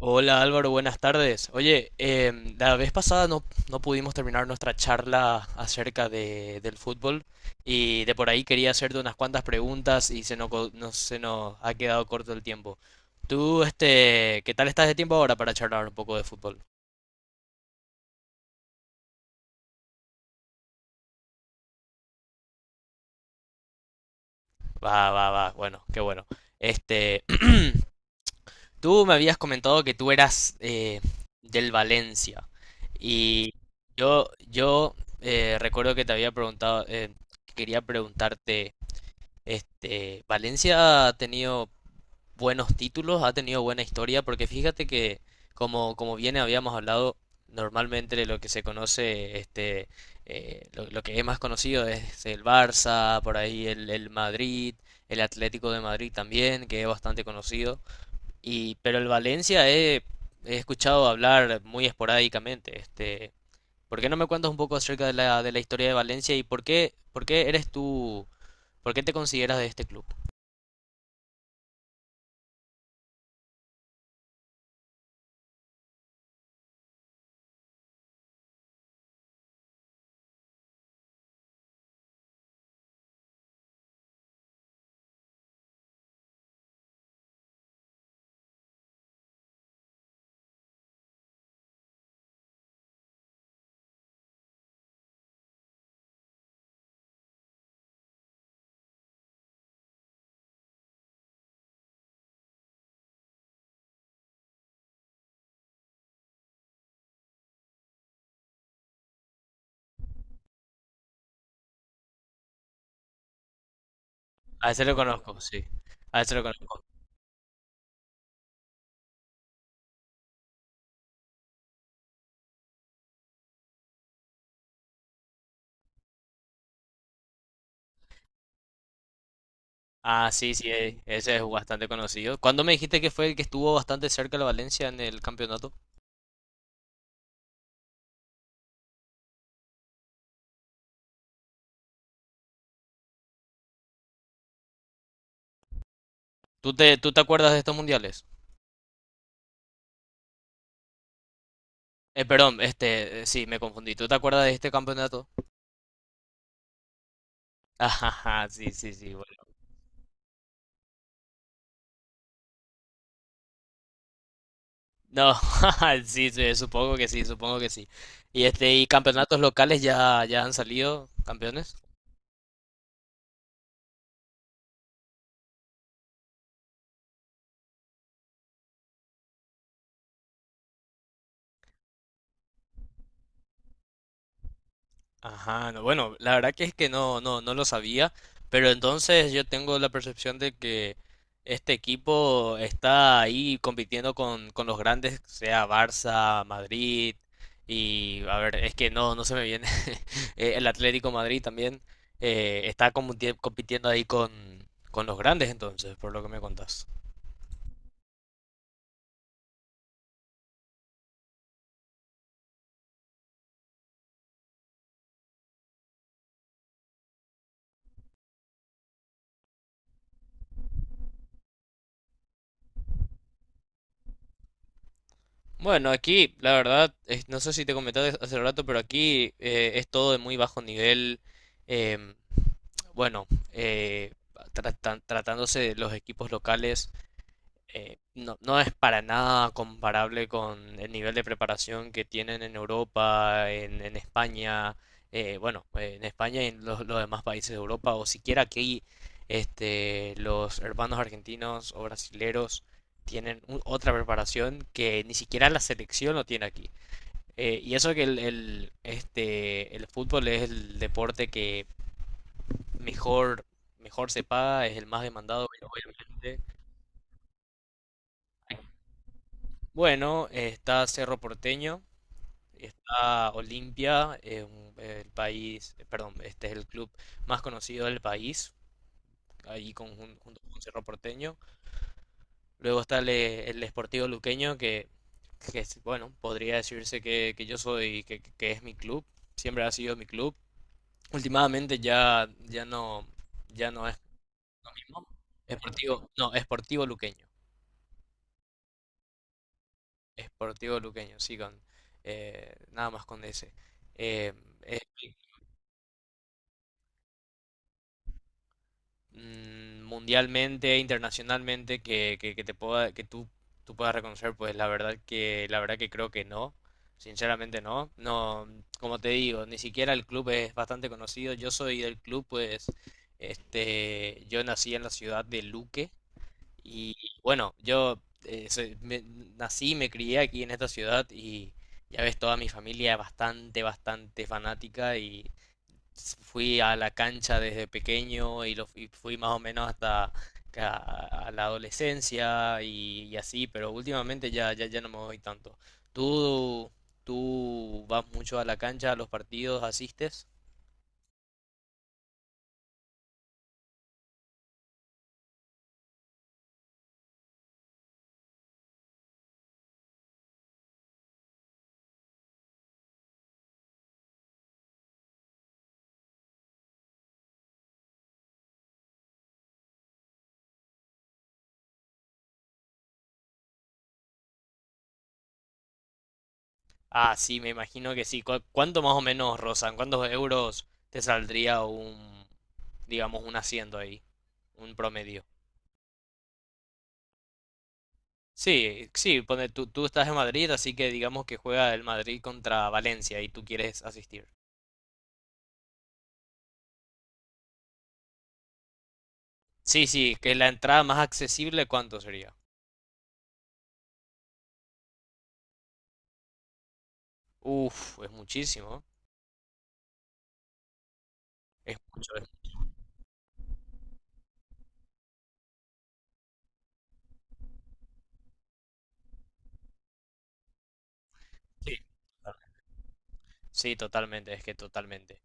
Hola Álvaro, buenas tardes. Oye, la vez pasada no pudimos terminar nuestra charla acerca del fútbol y de por ahí quería hacerte unas cuantas preguntas y se nos, co- no- se nos ha quedado corto el tiempo. Tú, ¿qué tal estás de tiempo ahora para charlar un poco de fútbol? Va, va, va, bueno, qué bueno. Este, tú me habías comentado que tú eras del Valencia y yo recuerdo que te había preguntado, quería preguntarte... Valencia ha tenido buenos títulos, ha tenido buena historia, porque fíjate que, como bien habíamos hablado, normalmente de lo que se conoce, lo que es más conocido es el Barça, por ahí el Madrid, el Atlético de Madrid también, que es bastante conocido. Pero el he escuchado hablar muy esporádicamente. ¿Por qué no me cuentas un poco acerca de de la historia de Valencia y por qué eres tú, por qué te consideras de este club? A ese lo conozco, sí. A ese lo conozco. Ah, sí, sí, ese es bastante conocido. ¿Cuándo me dijiste que fue el que estuvo bastante cerca de la Valencia en el campeonato? ¿Tú te acuerdas de estos mundiales? Perdón, sí, me confundí. ¿Tú te acuerdas de este campeonato? Ajá, sí, sí, sí. Bueno. No, sí, sí, supongo que sí, supongo que sí. ¿Y y campeonatos locales ya han salido campeones? Ajá, no, bueno, la verdad que es que no, no lo sabía, pero entonces yo tengo la percepción de que este equipo está ahí compitiendo con los grandes, sea Barça, Madrid, y a ver, es que no, no se me viene, el Atlético Madrid también está compitiendo ahí con los grandes entonces, por lo que me contás. Bueno, aquí la verdad, no sé si te comenté hace rato, pero aquí es todo de muy bajo nivel. Bueno, eh, tratándose de los equipos locales, no es para nada comparable con el nivel de preparación que tienen en Europa, en España, bueno, en España y en los demás países de Europa, o siquiera aquí, los hermanos argentinos o brasileros tienen otra preparación que ni siquiera la selección lo tiene aquí. Y eso que el fútbol es el deporte que mejor, mejor se paga, es el más demandado, obviamente. Bueno, está Cerro Porteño, está Olimpia, el país, perdón, este es el club más conocido del país, ahí junto con Cerro Porteño. Luego está el Sportivo Luqueño, que es, bueno, podría decirse que, que es mi club, siempre ha sido mi club. Últimamente ya no es el mismo. Sportivo, no, Sportivo Luqueño. Sportivo Luqueño, sí, con nada más con ese. Eh, eh, mundialmente, internacionalmente, que te pueda, tú puedas reconocer, pues la verdad que creo que no. Sinceramente no. No, como te digo, ni siquiera el club es bastante conocido. Yo soy del club, pues, yo nací en la ciudad de Luque, y bueno, yo eh, soy- me- nací y me crié aquí en esta ciudad y ya ves, toda mi familia es bastante, bastante fanática y fui a la cancha desde pequeño y fui más o menos hasta a la adolescencia y así, pero últimamente ya no me voy tanto. ¿Tú, tú vas mucho a la cancha, a los partidos, asistes? Ah, sí, me imagino que sí. ¿Cuánto más o menos rozan? ¿Cuántos euros te saldría un, digamos, un asiento ahí, un promedio? Sí, sí, pone, tú estás en Madrid, así que digamos que juega el Madrid contra Valencia y tú quieres asistir. Sí, sí, que la entrada más accesible, ¿cuánto sería? Uf, es muchísimo. Es mucho. Sí, totalmente. Sí, totalmente, es que totalmente.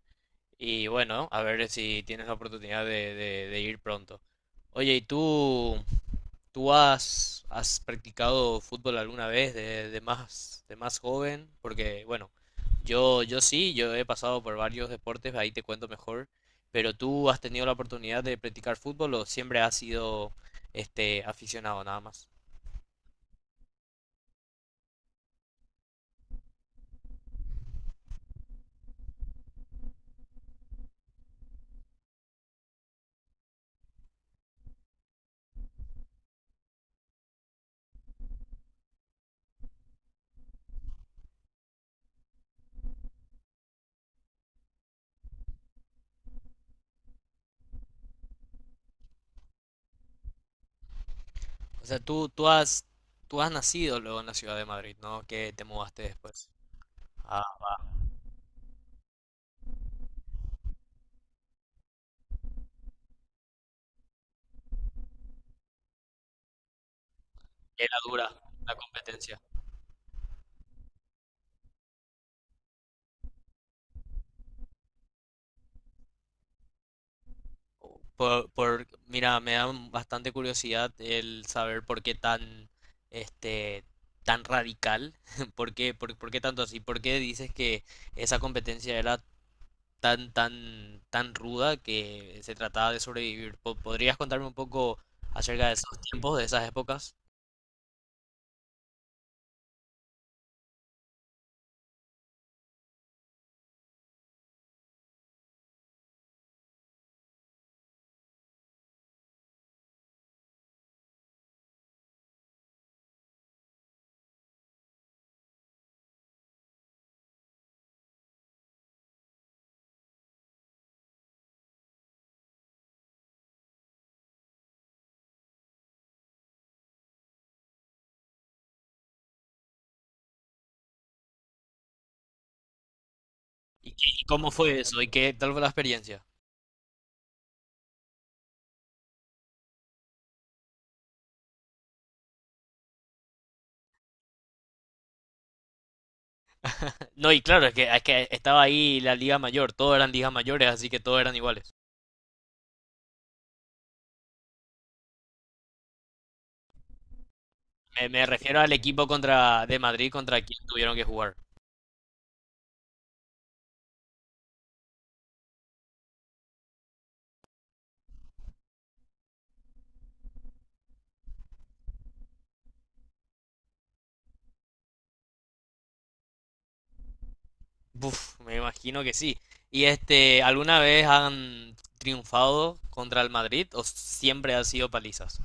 Y bueno, a ver si tienes la oportunidad de ir pronto. Oye, ¿y tú has, has practicado fútbol alguna vez de más joven? Porque, bueno, yo sí, yo he pasado por varios deportes, ahí te cuento mejor, pero tú has tenido la oportunidad de practicar fútbol o siempre has sido aficionado nada más. O sea, tú has nacido luego en la ciudad de Madrid, ¿no? Que te mudaste después. Ah, que la dura, la competencia. Mira, me da bastante curiosidad el saber por qué tan, este, tan radical, por qué tanto así, por qué dices que esa competencia era tan ruda que se trataba de sobrevivir. ¿Podrías contarme un poco acerca de esos tiempos, de esas épocas? ¿Y, y cómo fue eso? ¿Y qué tal fue la experiencia? No, y claro, es que estaba ahí la Liga Mayor, todos eran ligas mayores, así que todos eran iguales. Me refiero al equipo contra, de Madrid contra quien tuvieron que jugar. Buf, me imagino que sí. ¿Y alguna vez han triunfado contra el Madrid o siempre han sido palizas?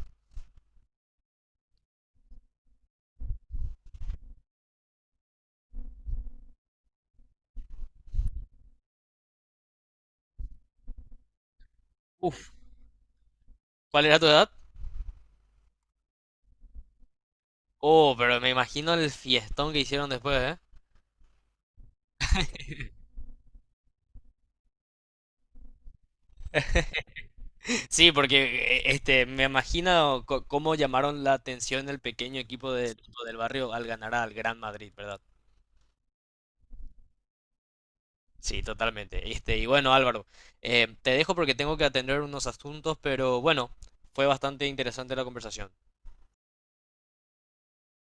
Uf, ¿cuál era tu edad? Oh, pero me imagino el fiestón que hicieron después, ¿eh? Sí, porque me imagino cómo llamaron la atención del pequeño equipo del, del barrio al ganar al Gran Madrid, ¿verdad? Sí, totalmente. Este, y bueno, Álvaro, te dejo porque tengo que atender unos asuntos, pero bueno, fue bastante interesante la conversación.